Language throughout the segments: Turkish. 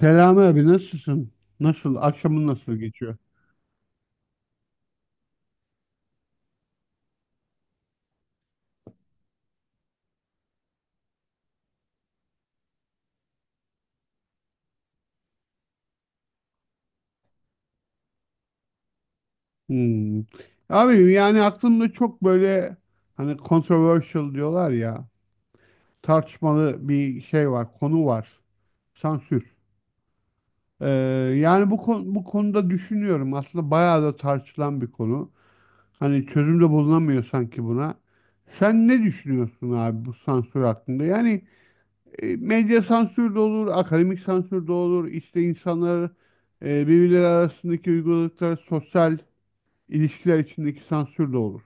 Selami abi nasılsın? Nasıl? Akşamın nasıl geçiyor? Hmm. Abi yani aklımda çok böyle hani controversial diyorlar ya, tartışmalı bir şey var, konu var. Sansür. Ee, yani bu konuda düşünüyorum. Aslında bayağı da tartışılan bir konu. Hani çözüm de bulunamıyor sanki buna. Sen ne düşünüyorsun abi bu sansür hakkında? Yani, medya sansür de olur, akademik sansür de olur. İşte insanlar birbirleri arasındaki uyguladıkları sosyal ilişkiler içindeki sansür de olur.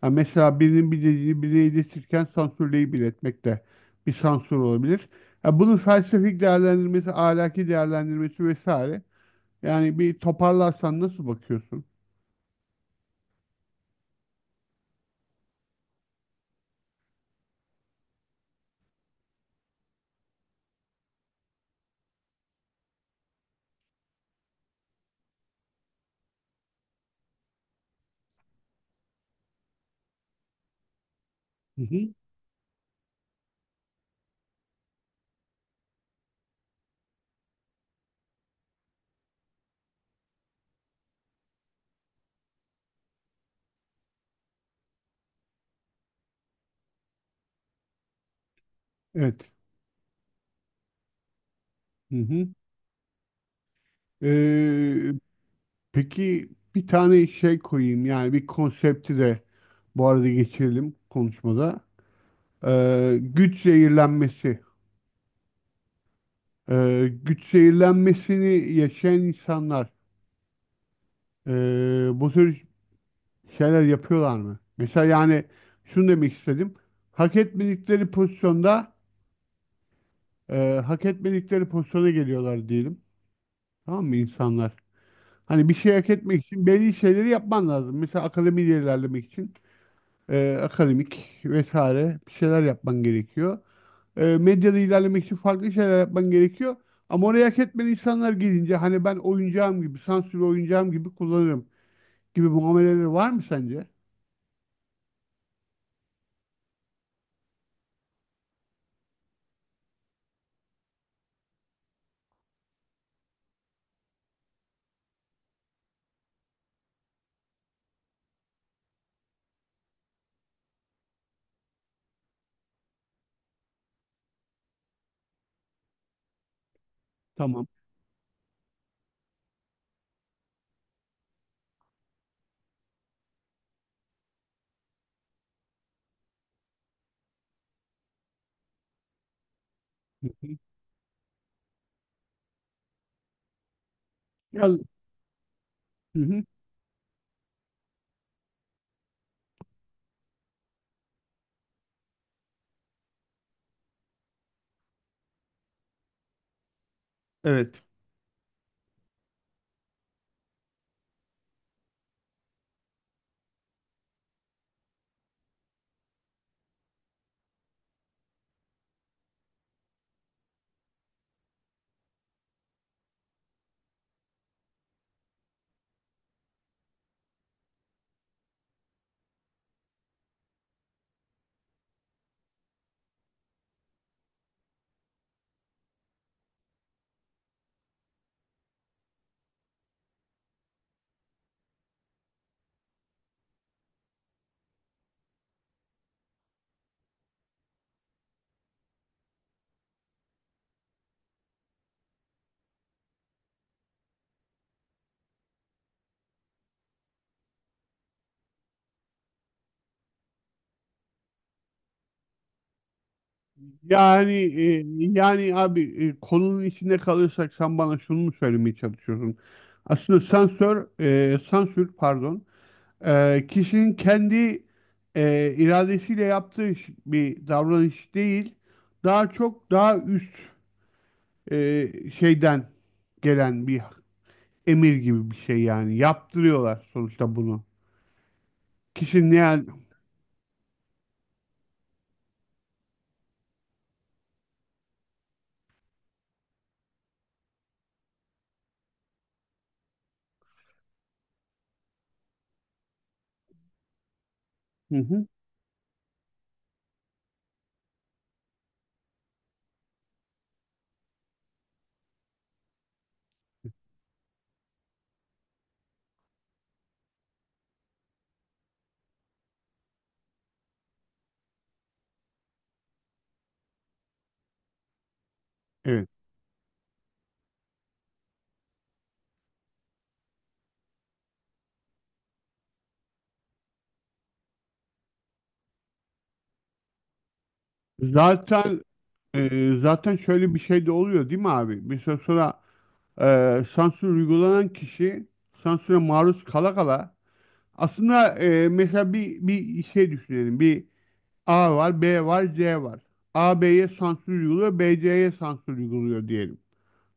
Ha, mesela birinin bir dediğini birine iletirken sansürleyip iletmek de bir sansür olabilir. Ha, bunun felsefik değerlendirmesi, ahlaki değerlendirmesi vesaire. Yani bir toparlarsan nasıl bakıyorsun? Hı hı. Evet. Hı hı. E, Peki bir tane şey koyayım, yani bir konsepti de bu arada geçirelim konuşmada. Güç zehirlenmesi. Güç zehirlenmesini yaşayan insanlar bu tür şeyler yapıyorlar mı? Mesela yani şunu demek istedim. Hak etmedikleri pozisyonda hak etmedikleri pozisyona geliyorlar diyelim. Tamam mı insanlar? Hani bir şey hak etmek için belli şeyleri yapman lazım. Mesela akademiyi ilerlemek için. Akademik vesaire bir şeyler yapman gerekiyor. E, medyada ilerlemek için farklı şeyler yapman gerekiyor. Ama oraya hak etmeyen insanlar gelince, hani ben oyuncağım gibi, sansürlü oyuncağım gibi kullanırım gibi muameleleri var mı sence? Tamam. Hı hı. Ya, hı hı. Evet. Yani e, yani abi, konunun içinde kalırsak sen bana şunu mu söylemeye çalışıyorsun? Aslında sansör, sansür pardon. Kişinin kendi iradesiyle yaptığı bir davranış değil, daha çok daha üst şeyden gelen bir emir gibi bir şey yani. Yaptırıyorlar sonuçta bunu. Kişinin ne hal-. Hı hı, evet. Zaten zaten şöyle bir şey de oluyor değil mi abi? Bir süre sonra sansür uygulanan kişi sansüre maruz kala kala aslında, mesela bir şey düşünelim. Bir A var, B var, C var. A B'ye sansür uyguluyor, B C'ye sansür uyguluyor diyelim.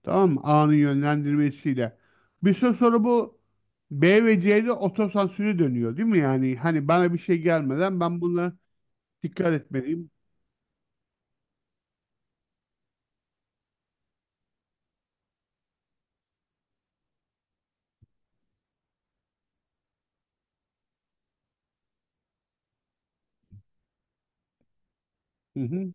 Tamam mı? A'nın yönlendirmesiyle. Bir süre sonra bu B ve C'de otosansüre dönüyor değil mi? Yani hani bana bir şey gelmeden ben buna dikkat etmeliyim. Hı hı.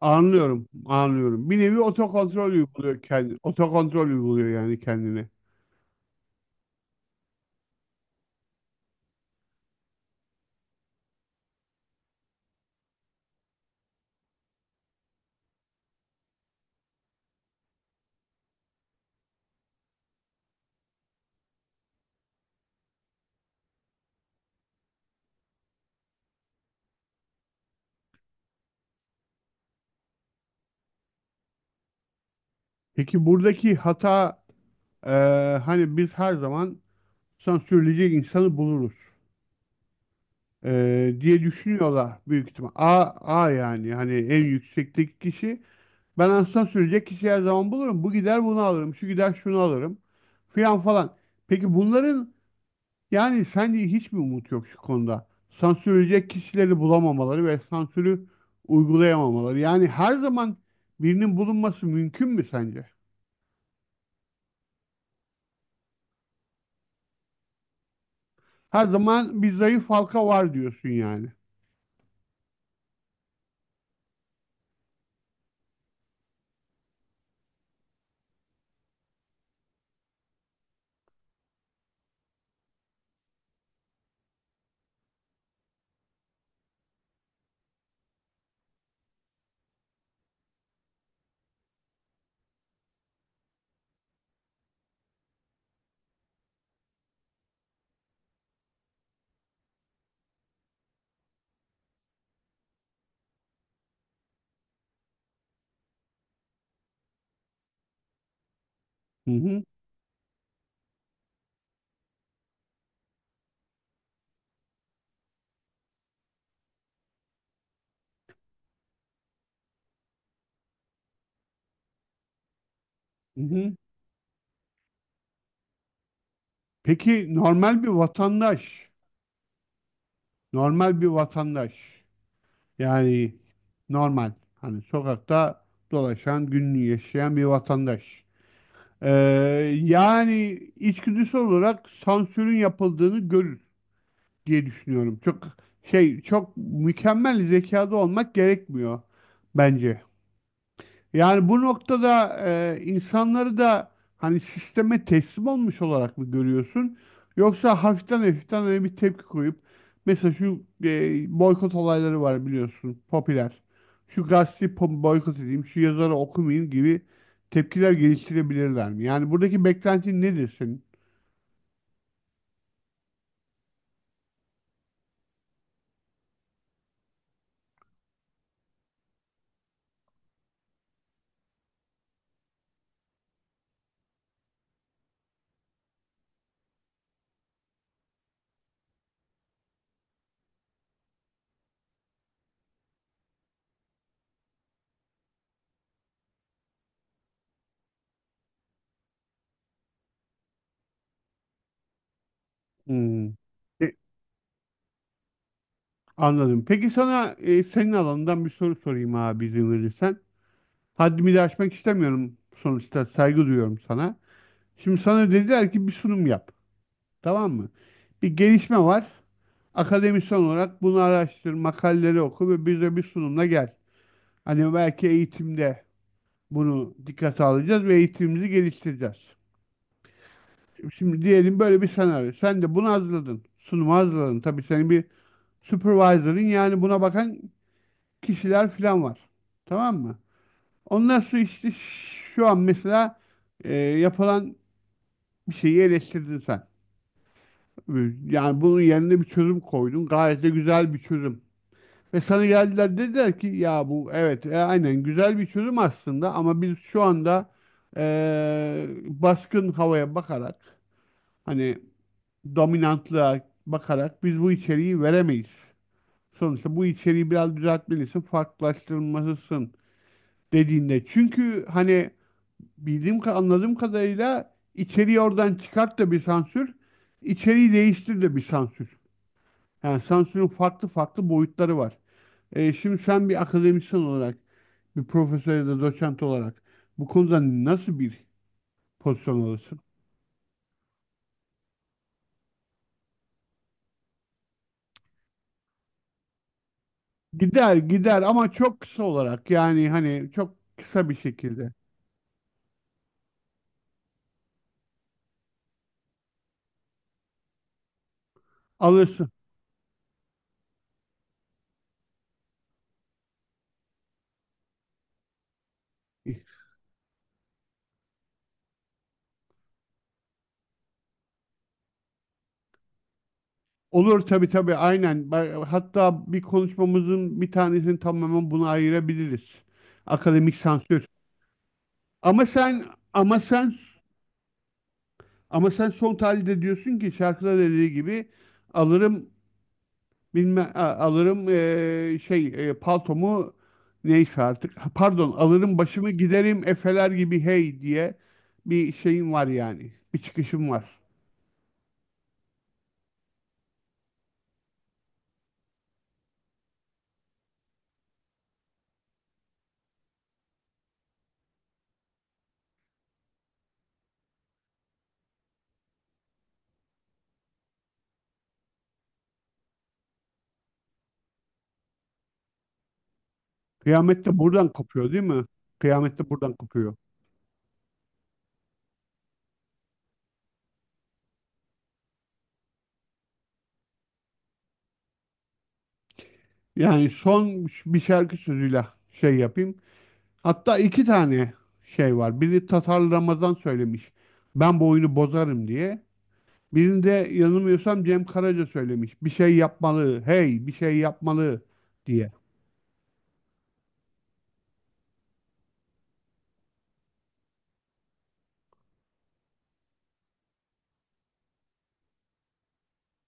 Anlıyorum, anlıyorum. Bir nevi otokontrol uyguluyor kendi, otokontrol uyguluyor yani kendine. Peki buradaki hata, e, hani biz her zaman sansürleyecek insanı buluruz, diye düşünüyorlar büyük ihtimal. A, A yani hani en yüksekteki kişi. Ben aslında sürecek kişi her zaman bulurum. Bu gider bunu alırım, şu gider şunu alırım filan falan. Peki bunların, yani sence hiç mi umut yok şu konuda? Sansürleyecek kişileri bulamamaları ve sansürü uygulayamamaları. Yani her zaman birinin bulunması mümkün mü sence? Her zaman bir zayıf halka var diyorsun yani. Hı hı, hı hı. Peki normal bir vatandaş, normal bir vatandaş yani normal hani sokakta dolaşan, günlük yaşayan bir vatandaş. Ee, Yani içgüdüsel olarak sansürün yapıldığını görür, diye düşünüyorum. Çok mükemmel zekada olmak gerekmiyor bence. Yani bu noktada insanları da hani sisteme teslim olmuş olarak mı görüyorsun? Yoksa hafiften hafiften hani bir tepki koyup, mesela şu boykot olayları var biliyorsun, popüler. Şu gazeteyi boykot edeyim, şu yazarı okumayayım gibi tepkiler geliştirebilirler mi? Yani buradaki beklentin nedir senin? Hmm. Anladım. Peki sana, senin alanından bir soru sorayım abi, izin verirsen. Haddimi de aşmak istemiyorum, sonuçta saygı duyuyorum sana. Şimdi sana dediler ki bir sunum yap. Tamam mı? Bir gelişme var. Akademisyen olarak bunu araştır, makaleleri oku ve bize bir sunumla gel. Hani belki eğitimde bunu dikkate alacağız ve eğitimimizi geliştireceğiz. Şimdi diyelim böyle bir senaryo. Sen de bunu hazırladın. Sunumu hazırladın. Tabii senin bir supervisor'ın, yani buna bakan kişiler falan var. Tamam mı? Ondan sonra işte şu an mesela yapılan bir şeyi eleştirdin sen. Ee, Yani bunun yerine bir çözüm koydun. Gayet de güzel bir çözüm. Ve sana geldiler, dediler ki ya bu evet aynen güzel bir çözüm aslında, ama biz şu anda baskın havaya bakarak, hani dominantlığa bakarak biz bu içeriği veremeyiz. Sonuçta bu içeriği biraz düzeltmelisin, farklılaştırmalısın dediğinde. Çünkü hani anladığım kadarıyla içeriği oradan çıkart da bir sansür, içeriği değiştir de bir sansür. Yani sansürün farklı farklı boyutları var. Şimdi sen bir akademisyen olarak, bir profesör ya da doçent olarak bu konuda nasıl bir pozisyon alırsın? Gider gider ama çok kısa olarak, yani hani çok kısa bir şekilde alırsın. Olur tabii, tabii, aynen. Hatta bir konuşmamızın bir tanesini tamamen buna ayırabiliriz. Akademik sansür. Ama sen ama sen ama sen son tahlilde diyorsun ki şarkıda dediği gibi alırım, alırım şey paltomu, neyse artık. Ha, pardon, alırım başımı giderim efeler gibi hey, diye bir şeyim var, yani bir çıkışım var. Kıyamet de buradan kopuyor değil mi? Kıyamet de buradan kopuyor. Yani son bir şarkı sözüyle şey yapayım. Hatta iki tane şey var. Biri Tatar Ramazan söylemiş. Ben bu oyunu bozarım diye. Birinde yanılmıyorsam Cem Karaca söylemiş. Bir şey yapmalı, hey bir şey yapmalı diye.